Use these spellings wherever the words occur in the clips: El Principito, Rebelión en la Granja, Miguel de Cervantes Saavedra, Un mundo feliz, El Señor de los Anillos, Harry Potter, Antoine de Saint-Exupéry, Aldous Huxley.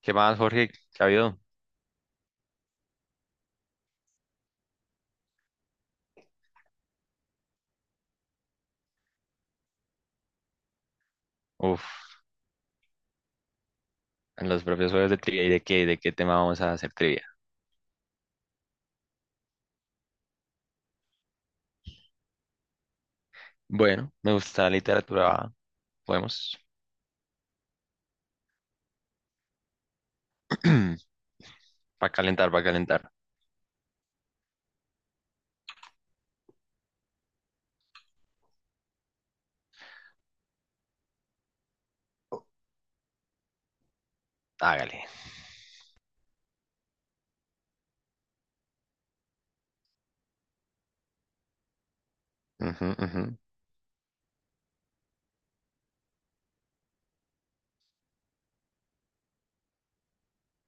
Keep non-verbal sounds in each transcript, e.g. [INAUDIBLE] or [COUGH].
¿Qué más, Jorge? ¿Qué ha habido? Uf, en los propios juegos de trivia, ¿y de qué tema vamos a hacer trivia? Bueno, me gusta la literatura, podemos. [CLEARS THROAT] Para calentar, para calentar. Hágale. Ujú, ujú,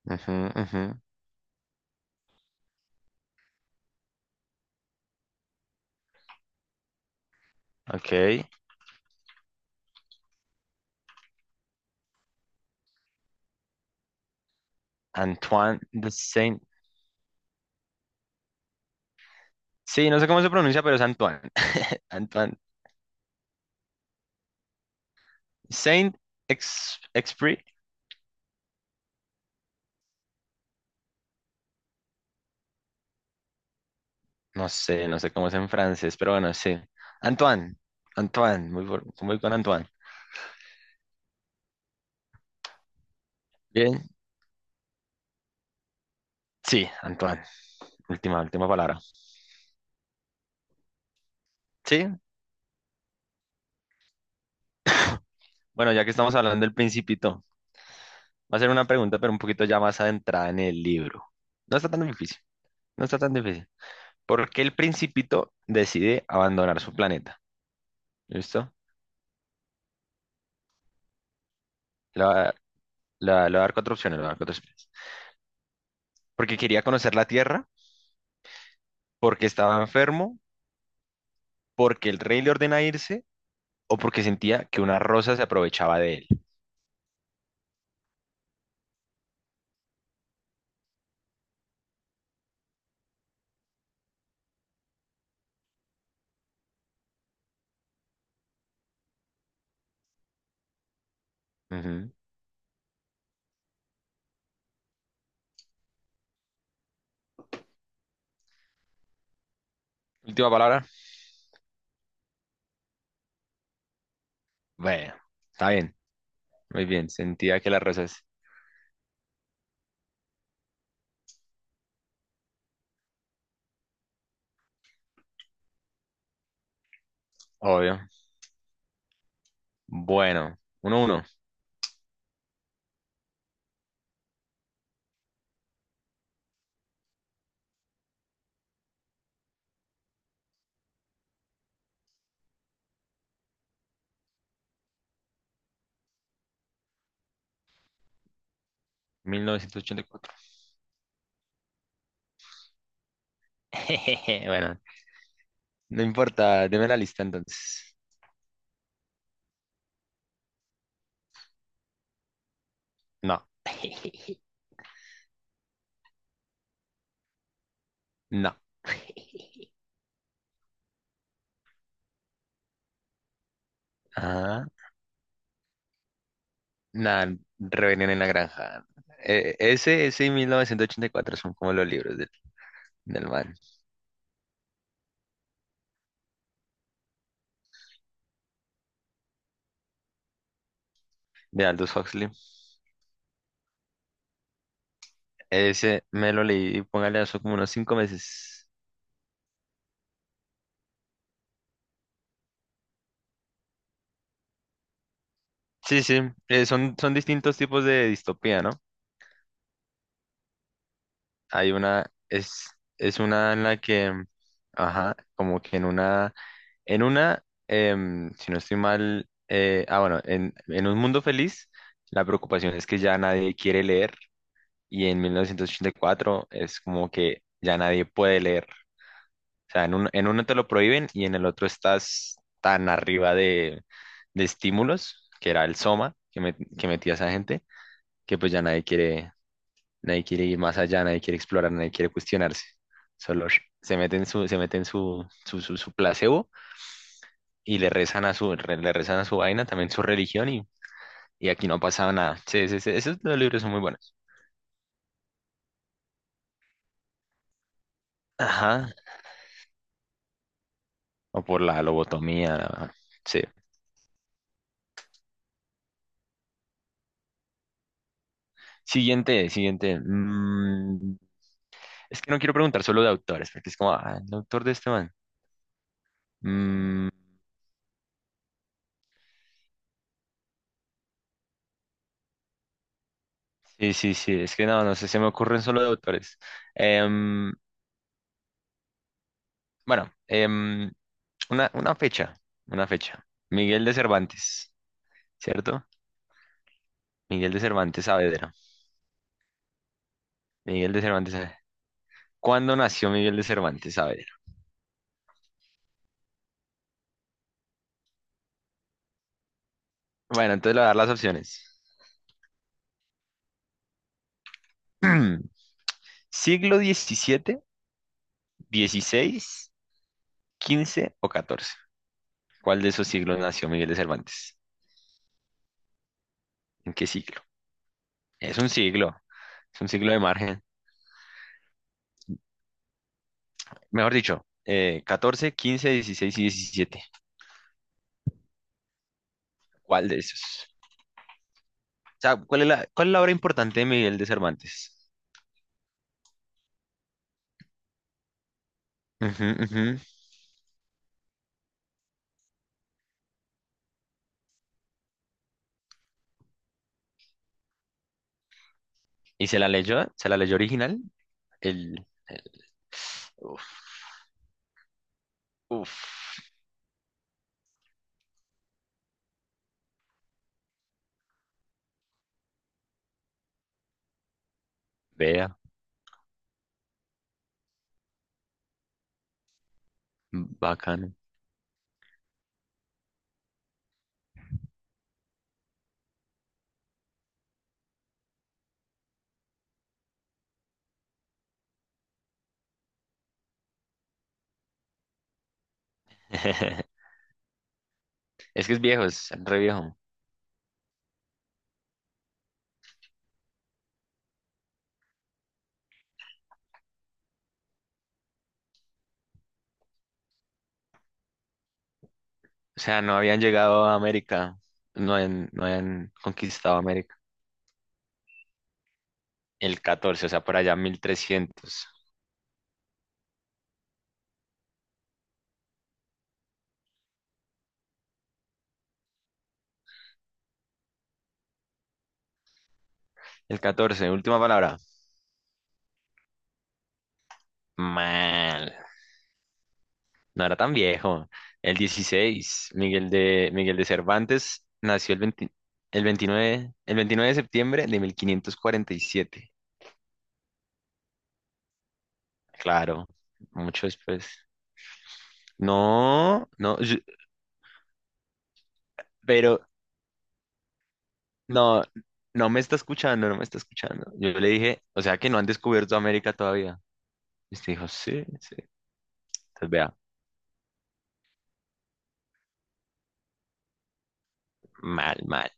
ujú, ujú. Ok. Antoine de Saint. Sí, no sé cómo se pronuncia, pero es Antoine. [LAUGHS] Antoine. Saint Ex Exupéry. No sé cómo es en francés, pero bueno, sí. Antoine. Antoine. Muy con Antoine. Bien. Sí, Antoine. Última palabra. Sí, bueno, ya que estamos hablando del Principito, va a ser una pregunta, pero un poquito ya más adentrada en el libro. No está tan difícil, no está tan difícil. ¿Por qué el Principito decide abandonar su planeta? ¿Listo? Le voy a le voy a- le voy a dar cuatro opciones, le voy a dar cuatro opciones. Porque quería conocer la Tierra, porque estaba enfermo, porque el rey le ordena irse o porque sentía que una rosa se aprovechaba de él. Ujú. Última palabra. Bueno, está bien, muy bien. Sentía que la rosa es obvio. Bueno, 1-1, 1984. [LAUGHS] Bueno, no importa, deme la lista entonces. No, [LAUGHS] no. Ah, nada, Rebelión en la Granja. Ese y 1984 son como los libros del man, de Aldous Huxley. Ese me lo leí, póngale eso como unos 5 meses. Sí, sí, son distintos tipos de distopía, ¿no? Hay una, es una en la que, ajá, como que en una. En una, si no estoy mal, bueno, en un mundo feliz, la preocupación es que ya nadie quiere leer y en 1984 es como que ya nadie puede leer. O sea, en uno te lo prohíben y en el otro estás tan arriba de estímulos, que era el soma que metía esa gente, que pues ya nadie quiere, nadie quiere ir más allá, nadie quiere explorar, nadie quiere cuestionarse. Solo se mete en su placebo y le rezan a su vaina, también su religión, y aquí no ha nada. Sí, sí, sí, esos dos libros son muy buenos. Ajá, o por la lobotomía, sí. Siguiente, siguiente. Es que no quiero preguntar solo de autores, porque es como, el autor de este man. Mm, sí, sí, sí, es que no sé, se me ocurren solo de autores. Em, bueno, una fecha, una fecha. Miguel de Cervantes, ¿cierto? Miguel de Cervantes Saavedra. Miguel de Cervantes. ¿Cuándo nació Miguel de Cervantes? A ver. Bueno, entonces le voy a dar las opciones. [CLEARS THROAT] ¿Siglo diecisiete, dieciséis, quince o catorce? ¿Cuál de esos siglos nació Miguel de Cervantes? ¿En qué siglo? Es un siglo, es un siglo de margen. Mejor dicho, 14, 15, 16 y 17. ¿Cuál de esos? O sea, ¿cuál es la obra importante de Miguel de Cervantes? Ujú, ujú. ¿Y se la leyó? ¿Se la leyó original? El... Uf, uf. Vea, bacano. [LAUGHS] Es que es viejo, es re viejo. O sea, no habían llegado a América, no habían conquistado América. El catorce, o sea, por allá 1300. El 14. Última palabra. Mal. No era tan viejo. El 16. Miguel de Cervantes nació el veintinueve de septiembre de 1547. Claro, mucho después. No, no, pero No, no me está escuchando, no me está escuchando. Yo le dije, o sea que no han descubierto América todavía. Y usted dijo, sí, sí. Entonces vea, mal, mal.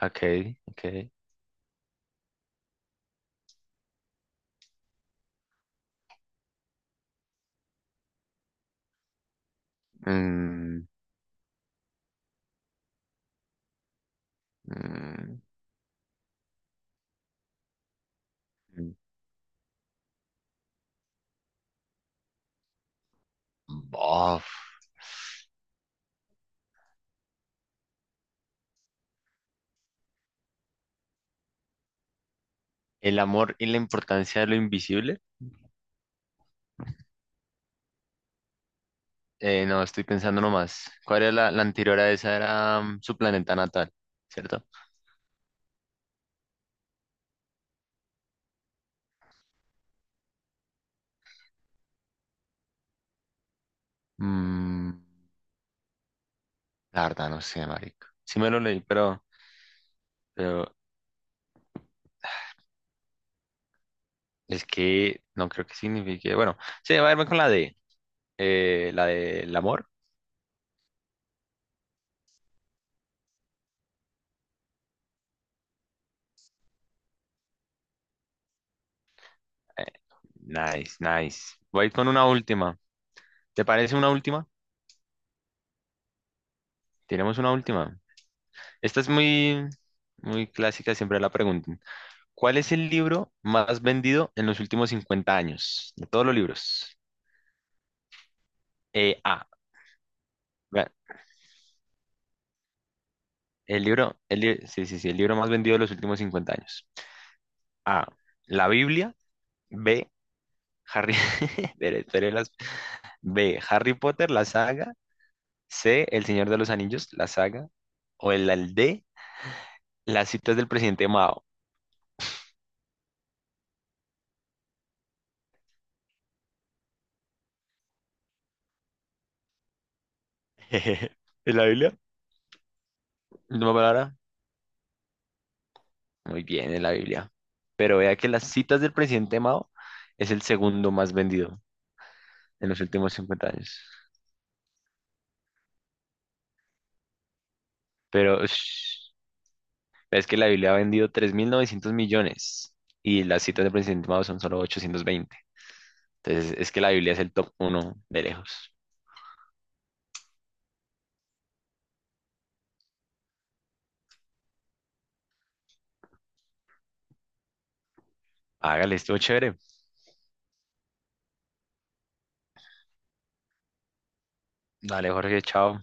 Ok, ok. Mm, mm, mm. Bof. El amor y la importancia de lo invisible. No, estoy pensando nomás. ¿Cuál era la anterior a esa? Era su planeta natal, ¿cierto? Mm, la verdad, no sé, marica. Sí me lo leí, pero es que no creo que signifique. Bueno, sí, va a irme con la D. La del amor. Eh, Nice, nice. Voy con una última. ¿Te parece una última? Tenemos una última. Esta es muy, muy clásica, siempre la preguntan. ¿Cuál es el libro más vendido en los últimos 50 años? De todos los libros. A. Vea, el libro, sí, sí, sí, el libro más vendido de los últimos 50 años. A. La Biblia. B. Harry, [LAUGHS] espere, espere B. Harry Potter, la saga. C. El Señor de los Anillos, la saga. O el D. Las citas del presidente Mao. [LAUGHS] ¿En la Biblia? Última palabra. Muy bien, en la Biblia. Pero vea que las citas del presidente Mao es el segundo más vendido en los últimos 50 años. Pero ush, es que la Biblia ha vendido 3900 millones y las citas del presidente Mao son solo 820. Entonces es que la Biblia es el top uno de lejos. Hágale, estuvo chévere. Dale, Jorge, chao.